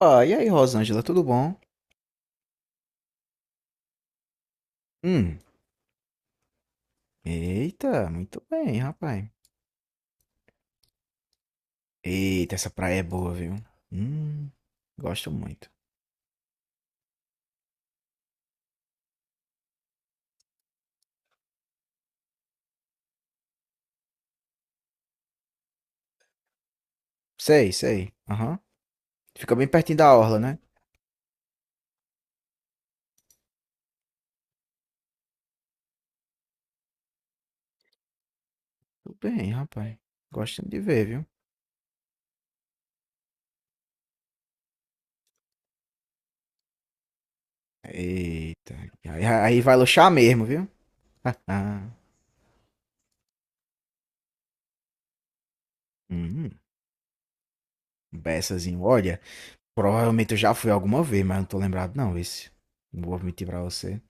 Ah, e aí, Rosângela, tudo bom? Hum, eita, muito bem, rapaz. Eita, essa praia é boa, viu? Hum, gosto muito. Sei, sei. Aham. Fica bem pertinho da orla, né? Tudo bem, rapaz. Gosto de ver, viu? Eita, aí vai luxar mesmo, viu? Hum, beçazinho. Olha, provavelmente eu já fui alguma vez, mas não tô lembrado não, esse. Não vou mentir pra você.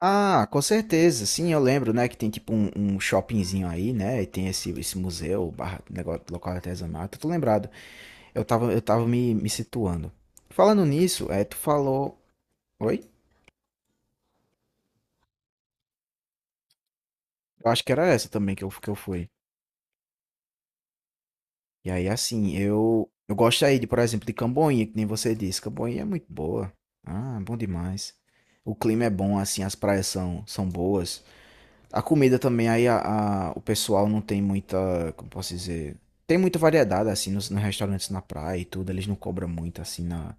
Ah, com certeza. Sim, eu lembro, né, que tem tipo um shoppingzinho aí, né, e tem esse museu, barra, negócio, local artesanato. Tô lembrado. Eu tava me situando. Falando nisso, é, tu falou... Oi? Eu acho que era essa também que eu fui. E aí, assim, eu gosto aí de, por exemplo, de Camboinha, que nem você disse. Camboinha é muito boa. Ah, bom demais. O clima é bom, assim, as praias são boas. A comida também, aí o pessoal não tem muita, como posso dizer, tem muita variedade, assim, nos restaurantes na praia e tudo, eles não cobram muito, assim, na,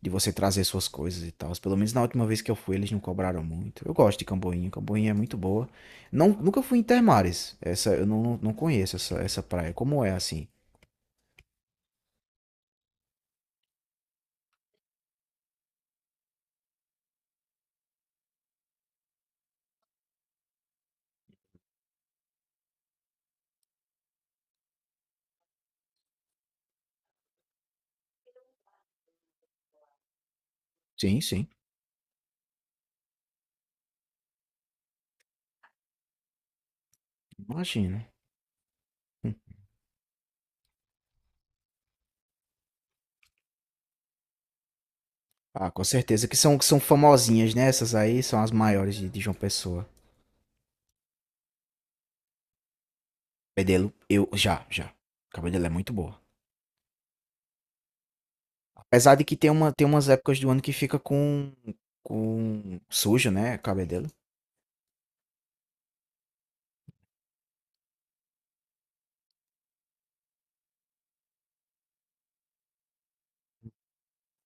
de você trazer suas coisas e tal. Pelo menos na última vez que eu fui, eles não cobraram muito. Eu gosto de Camboinha, Camboinha é muito boa. Não, nunca fui em Termares, essa, eu não, não conheço essa praia, como é, assim? Sim, sim, imagino. Hum. Ah, com certeza, que são famosinhas, né? Essas aí são as maiores de João Pessoa. Pedelo, eu, já, já. Cabedelo é muito boa. Apesar de que tem umas épocas do ano que fica com sujo, né, cabedelo.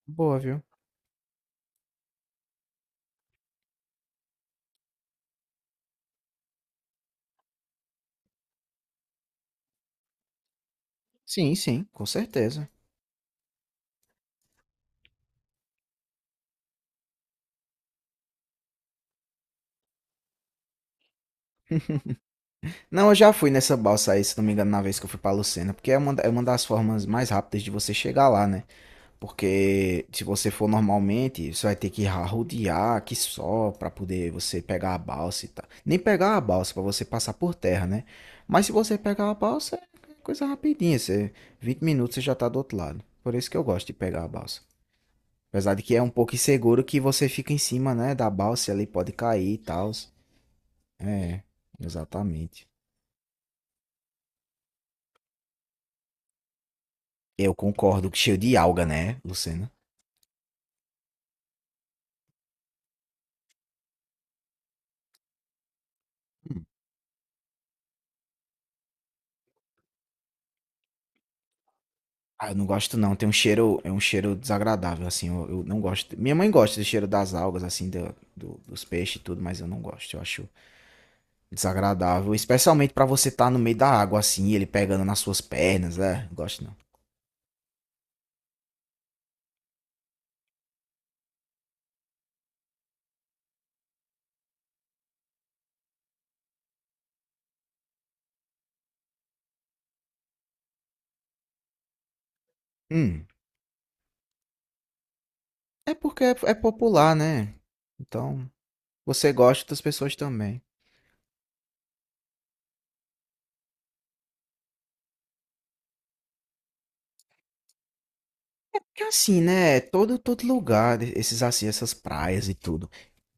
Boa, viu. Sim, sim, com certeza. Não, eu já fui nessa balsa aí, se não me engano, na vez que eu fui pra Lucena, porque é uma, é uma das formas mais rápidas de você chegar lá, né? Porque se você for normalmente, você vai ter que rodear aqui só pra poder você pegar a balsa e tal. Nem pegar a balsa pra você passar por terra, né? Mas se você pegar a balsa, é coisa rapidinha, você 20 minutos você já tá do outro lado. Por isso que eu gosto de pegar a balsa. Apesar de que é um pouco inseguro que você fica em cima, né, da balsa e ali pode cair e tal. É, exatamente. Eu concordo que cheiro de alga, né, Lucena? Ah, eu não gosto não, tem um cheiro, é um cheiro desagradável, assim, eu não gosto. Minha mãe gosta do cheiro das algas, assim, dos peixes e tudo, mas eu não gosto, eu acho desagradável. Especialmente pra você estar no meio da água, assim, ele pegando nas suas pernas, é, não gosto não. Hum, é porque é popular, né? Então, você gosta, outras pessoas também. Que assim, né? Todo lugar, né, esses assim, essas praias e tudo.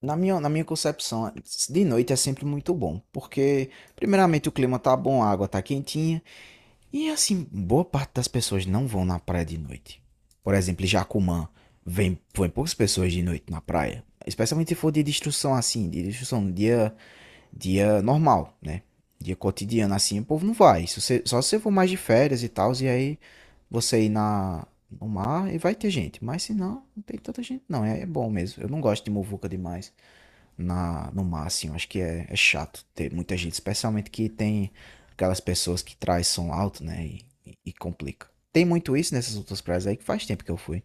Na minha concepção, de noite é sempre muito bom, porque primeiramente o clima tá bom, a água tá quentinha, e assim, boa parte das pessoas não vão na praia de noite. Por exemplo, em Jacumã, vem poucas pessoas de noite na praia, especialmente se for de destruição assim, de destruição no dia dia normal, né? Dia cotidiano assim, o povo não vai. Se você- só se você for mais de férias e tal, e aí você ir na, no mar e vai ter gente. Mas se não, não tem tanta gente, não. É, é bom mesmo. Eu não gosto de muvuca demais na, no mar, assim. Eu acho que é chato ter muita gente, especialmente que tem aquelas pessoas que traz som alto, né? E complica. Tem muito isso nessas outras praias aí que faz tempo que eu fui.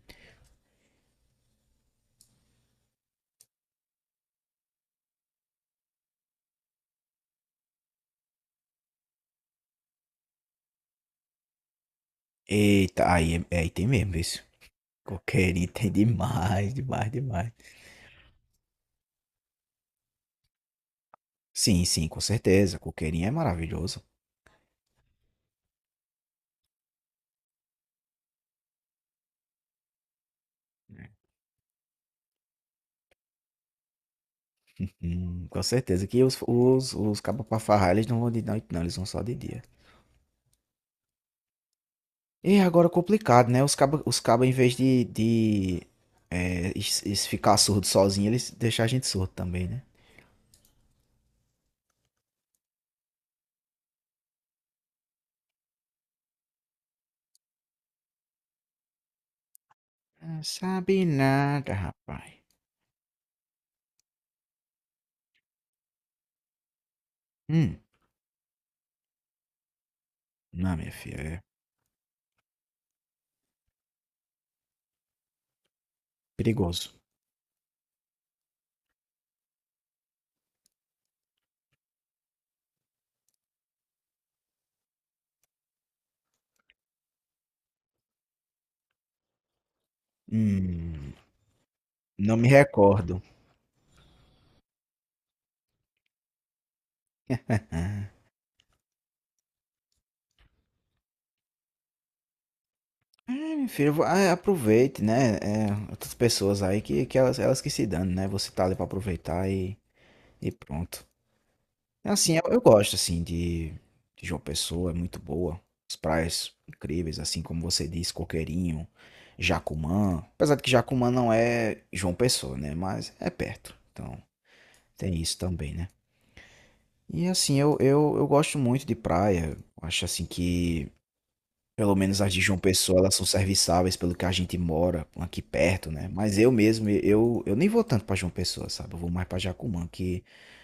Eita, é aí tem mesmo isso. Coqueirinho tem demais, demais, demais. Sim, sim, com certeza. Coqueirinho é maravilhoso. Né? Com certeza que os cabas pra farrar, eles não vão de noite, não, eles vão só de dia. E agora é complicado, né? Os cabas, os caba, em vez de é, ficar surdo sozinho, eles deixam a gente surdo também, né? Não sabe nada, rapaz. Hum, não, minha filha, é perigoso. Hum, não me recordo. É, meu filho, aproveite, né? É, outras pessoas aí que elas que se dão, né? Você tá ali pra aproveitar e pronto. É assim, eu gosto assim de João Pessoa, é muito boa. As praias incríveis, assim como você disse, Coqueirinho, Jacumã. Apesar de que Jacumã não é João Pessoa, né? Mas é perto. Então, tem isso também, né? E assim, eu gosto muito de praia. Eu acho assim que pelo menos as de João Pessoa, elas são serviçáveis pelo que a gente mora aqui perto, né? Mas eu mesmo, eu nem vou tanto pra João Pessoa, sabe? Eu vou mais pra Jacumã, que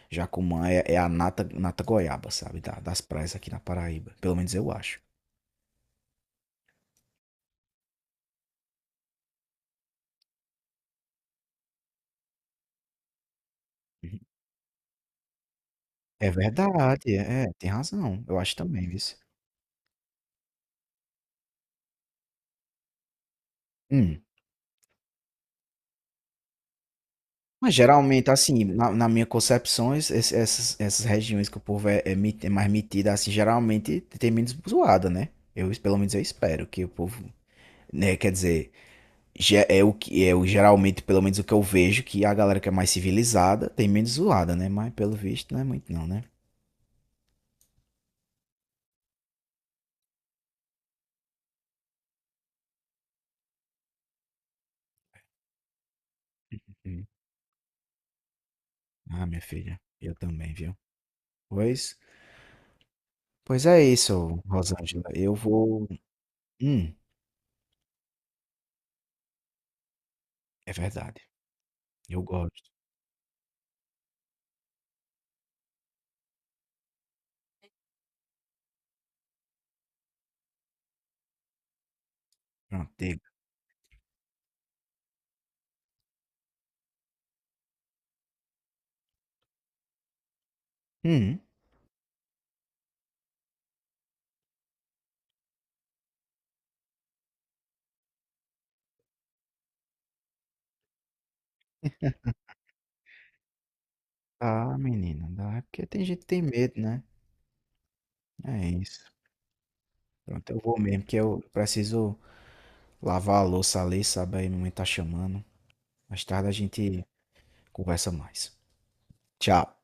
Jacumã é, é a nata, nata goiaba, sabe? Das praias aqui na Paraíba. Pelo menos eu acho. Uhum. É verdade, é, é, tem razão. Eu acho também, viu? Hum. Mas geralmente, assim, na, na minha concepção, essas, essas regiões que o povo é, é mais metido, assim, geralmente tem menos zoada, né? Eu, pelo menos eu espero que o povo, né, quer dizer. É o que é o geralmente, pelo menos o que eu vejo, que é a galera que é mais civilizada tem menos zoada, né? Mas pelo visto não é muito não, né? Uhum. Ah, minha filha, eu também, viu? Pois, pois é isso, Rosângela. Eu vou. Hum, é verdade. Eu gosto. Pronto, diga. Hum, tá, menina, dá. É porque tem gente que tem medo, né? É isso. Pronto, eu vou mesmo, que eu preciso lavar a louça ali, sabe? Aí minha mãe tá chamando. Mais tarde a gente conversa mais. Tchau.